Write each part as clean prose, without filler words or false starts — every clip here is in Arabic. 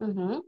مهم.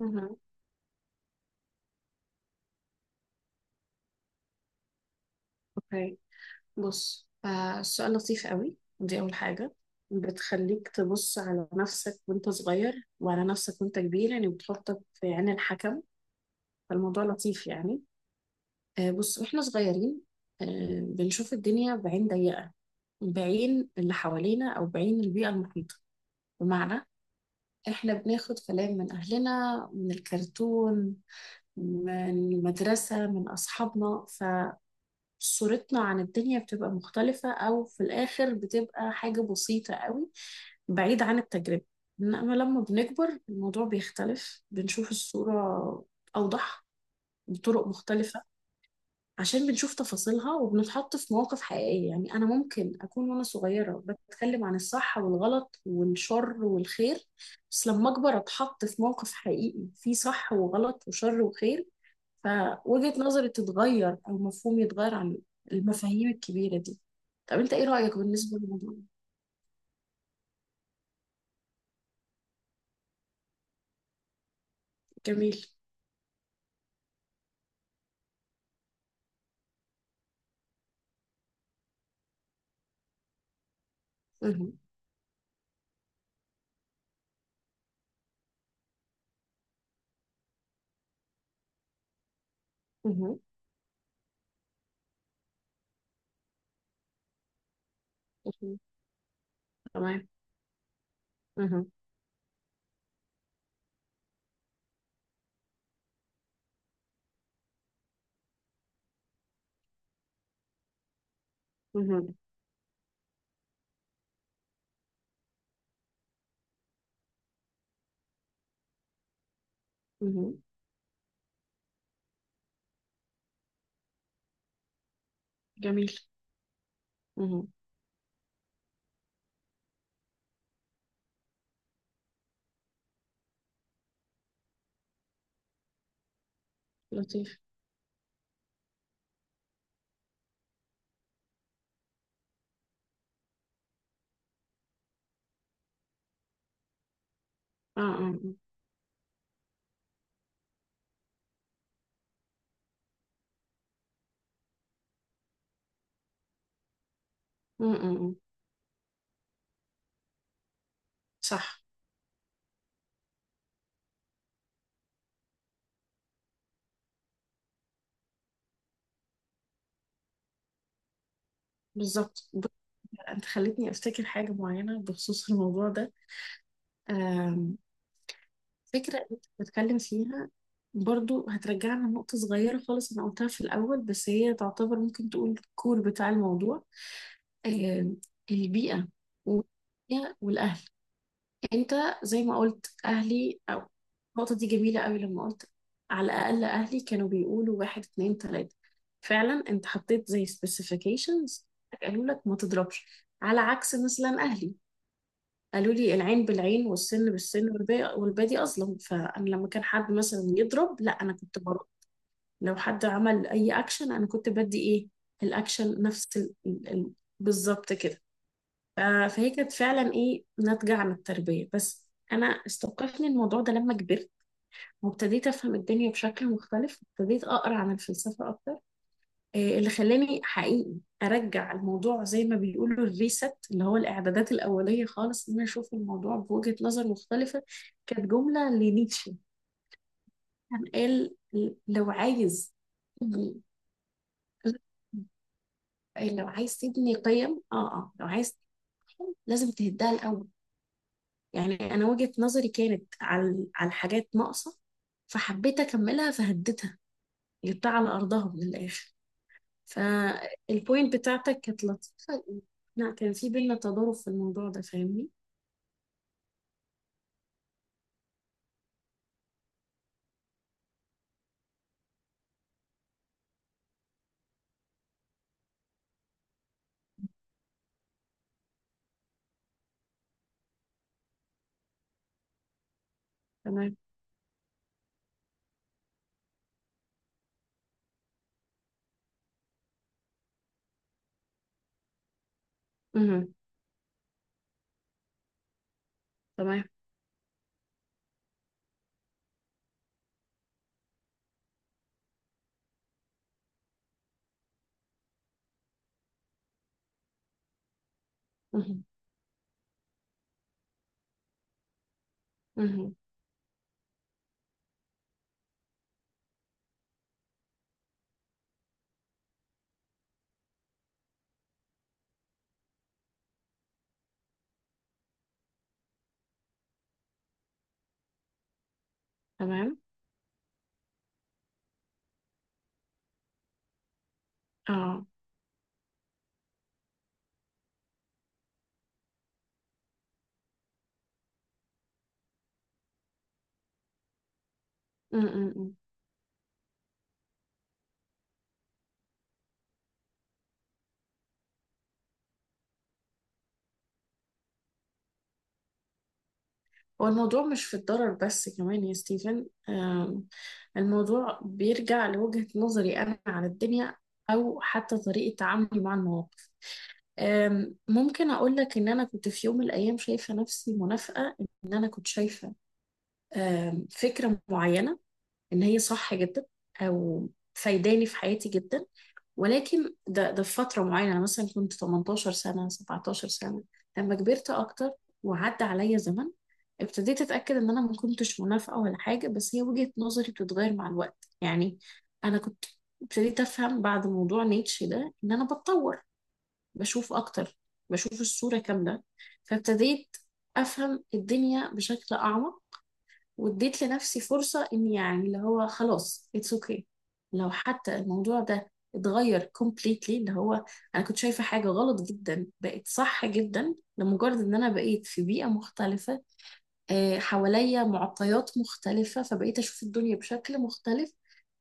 مهم. اوكي. بص، آه السؤال لطيف قوي، دي اول حاجه بتخليك تبص على نفسك وانت صغير وعلى نفسك وانت كبير، يعني بتحطك في عين الحكم، فالموضوع لطيف يعني. آه بص، واحنا صغيرين آه بنشوف الدنيا بعين ضيقه، بعين اللي حوالينا او بعين البيئه المحيطه، بمعنى احنا بناخد كلام من اهلنا، من الكرتون، من المدرسه، من اصحابنا. صورتنا عن الدنيا بتبقى مختلفة أو في الآخر بتبقى حاجة بسيطة قوي، بعيد عن التجربة. إنما لما بنكبر الموضوع بيختلف، بنشوف الصورة أوضح، بطرق مختلفة، عشان بنشوف تفاصيلها وبنتحط في مواقف حقيقية. يعني أنا ممكن أكون وأنا صغيرة بتكلم عن الصح والغلط والشر والخير، بس لما أكبر أتحط في موقف حقيقي فيه صح وغلط وشر وخير، فوجهة نظري تتغير أو مفهومي يتغير عن المفاهيم الكبيرة دي. طب أنت إيه رأيك بالنسبة للموضوع؟ جميل. مهم. مهم. مهم. تمام. مهم. مهم. مهم. جميل. مهم. لطيف. آه آه آه. آه، آه، آه. صح. بالظبط. بص، أنت خلتني أفتكر حاجة معينة بخصوص الموضوع ده. آم، فكرة أنت بتتكلم فيها برضو هترجعنا لنقطة صغيرة خالص أنا قلتها في الأول، بس هي تعتبر ممكن تقول الكور بتاع الموضوع. آه، البيئة والدنيا والأهل. أنت زي ما قلت أهلي، أو النقطة دي جميلة قوي لما قلت على الأقل أهلي كانوا بيقولوا واحد اتنين تلاتة، فعلا أنت حطيت زي specifications، قالوا لك ما تضربش. على عكس مثلا أهلي قالوا لي العين بالعين والسن بالسن والباقي والبادي أظلم، فأنا لما كان حد مثلا يضرب لا أنا كنت برد. لو حد عمل أي أكشن أنا كنت بدي إيه، الأكشن نفس بالظبط كده. آه، فهي كانت فعلا ايه ناتجة عن التربية، بس انا استوقفني الموضوع ده لما كبرت وابتديت افهم الدنيا بشكل مختلف، ابتديت اقرا عن الفلسفة اكتر، آه، اللي خلاني حقيقي ارجع الموضوع زي ما بيقولوا الريست، اللي هو الاعدادات الاولية خالص، ان انا اشوف الموضوع بوجهة نظر مختلفة. كانت جملة لنيتشه، كان قال لو عايز تبني- تبني قيم لو عايز لازم تهدها الاول. يعني انا وجهة نظري كانت على حاجات ناقصة، فحبيت اكملها فهديتها، جبتها على ارضها من الاخر. فالبوينت بتاعتك كانت لطيفة، لا كان في بينا تضارب في الموضوع ده، فاهمني. تمام. امم. تمام. امم. امم. تمام. اه. امم. هو الموضوع مش في الضرر بس كمان يا ستيفن، الموضوع بيرجع لوجهة نظري أنا على الدنيا، أو حتى طريقة تعاملي مع المواقف. ممكن أقول لك إن أنا كنت في يوم من الأيام شايفة نفسي منافقة، إن أنا كنت شايفة فكرة معينة إن هي صح جدا أو فايداني في حياتي جدا، ولكن ده في فترة معينة أنا مثلا كنت 18 سنة 17 سنة. لما كبرت أكتر وعدى عليا زمن ابتديت أتأكد إن أنا ما كنتش منافقة ولا حاجة، بس هي وجهة نظري بتتغير مع الوقت يعني. أنا كنت ابتديت أفهم بعد موضوع نيتشه ده إن أنا بتطور، بشوف أكتر، بشوف الصورة كاملة، فابتديت أفهم الدنيا بشكل أعمق، واديت لنفسي فرصة إن يعني اللي هو خلاص اتس اوكي، لو حتى الموضوع ده اتغير completely، اللي هو أنا كنت شايفة حاجة غلط جدا بقت صح جدا لمجرد إن أنا بقيت في بيئة مختلفة. آه، حواليا معطيات مختلفة، فبقيت أشوف الدنيا بشكل مختلف،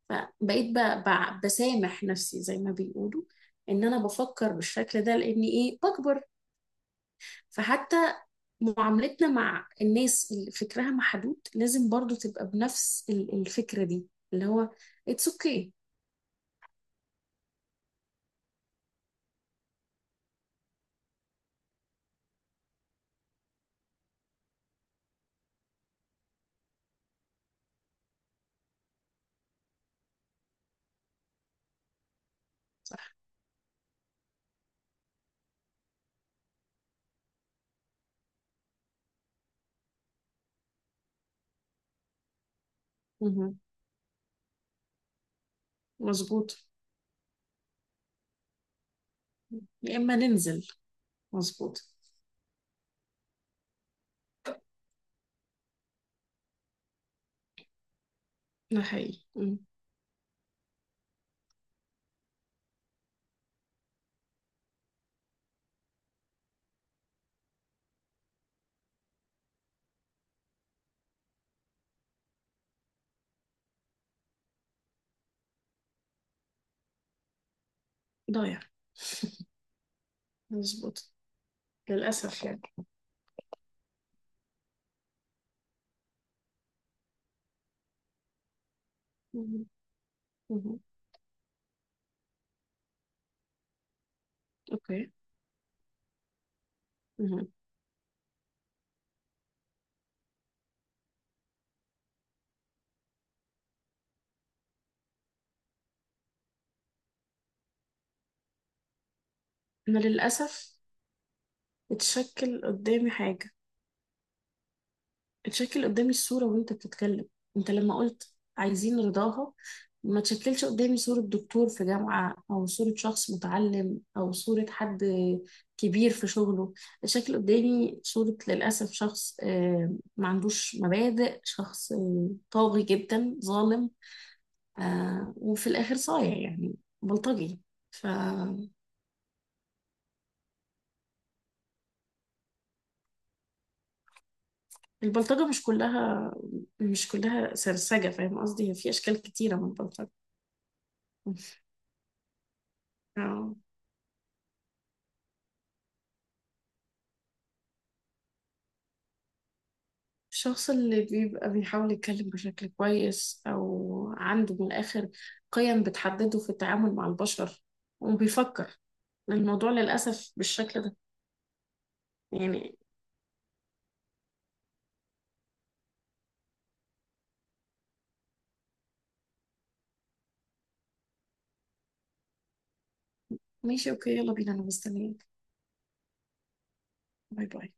فبقيت بسامح نفسي زي ما بيقولوا ان انا بفكر بالشكل ده لاني ايه بكبر. فحتى معاملتنا مع الناس اللي فكرها محدود لازم برضو تبقى بنفس الفكرة دي، اللي هو it's okay. مهم. مظبوط. يا إما ننزل. مظبوط. ده حقيقي. مم. ضايع. مظبوط. للأسف يعني. مهم. مهم. أوكي. مهم. أنا للأسف اتشكل قدامي حاجة، اتشكل قدامي الصورة وانت بتتكلم. انت لما قلت عايزين رضاها ما تشكلش قدامي صورة دكتور في جامعة او صورة شخص متعلم او صورة حد كبير في شغله، اتشكل قدامي صورة للأسف شخص آه، ما عندوش مبادئ، شخص آه، طاغي جدا، ظالم، آه، وفي الآخر صايع يعني، بلطجي. فالبلطجة مش كلها، مش كلها سرسجة، فاهم قصدي، هي في أشكال كتيرة من البلطجة. آه. الشخص اللي بيبقى بيحاول يتكلم بشكل كويس أو عنده من الآخر قيم بتحدده في التعامل مع البشر وبيفكر، لأن الموضوع للأسف بالشكل ده يعني. ماشي أوكي، يلا بينا أنا مستنيك. باي باي.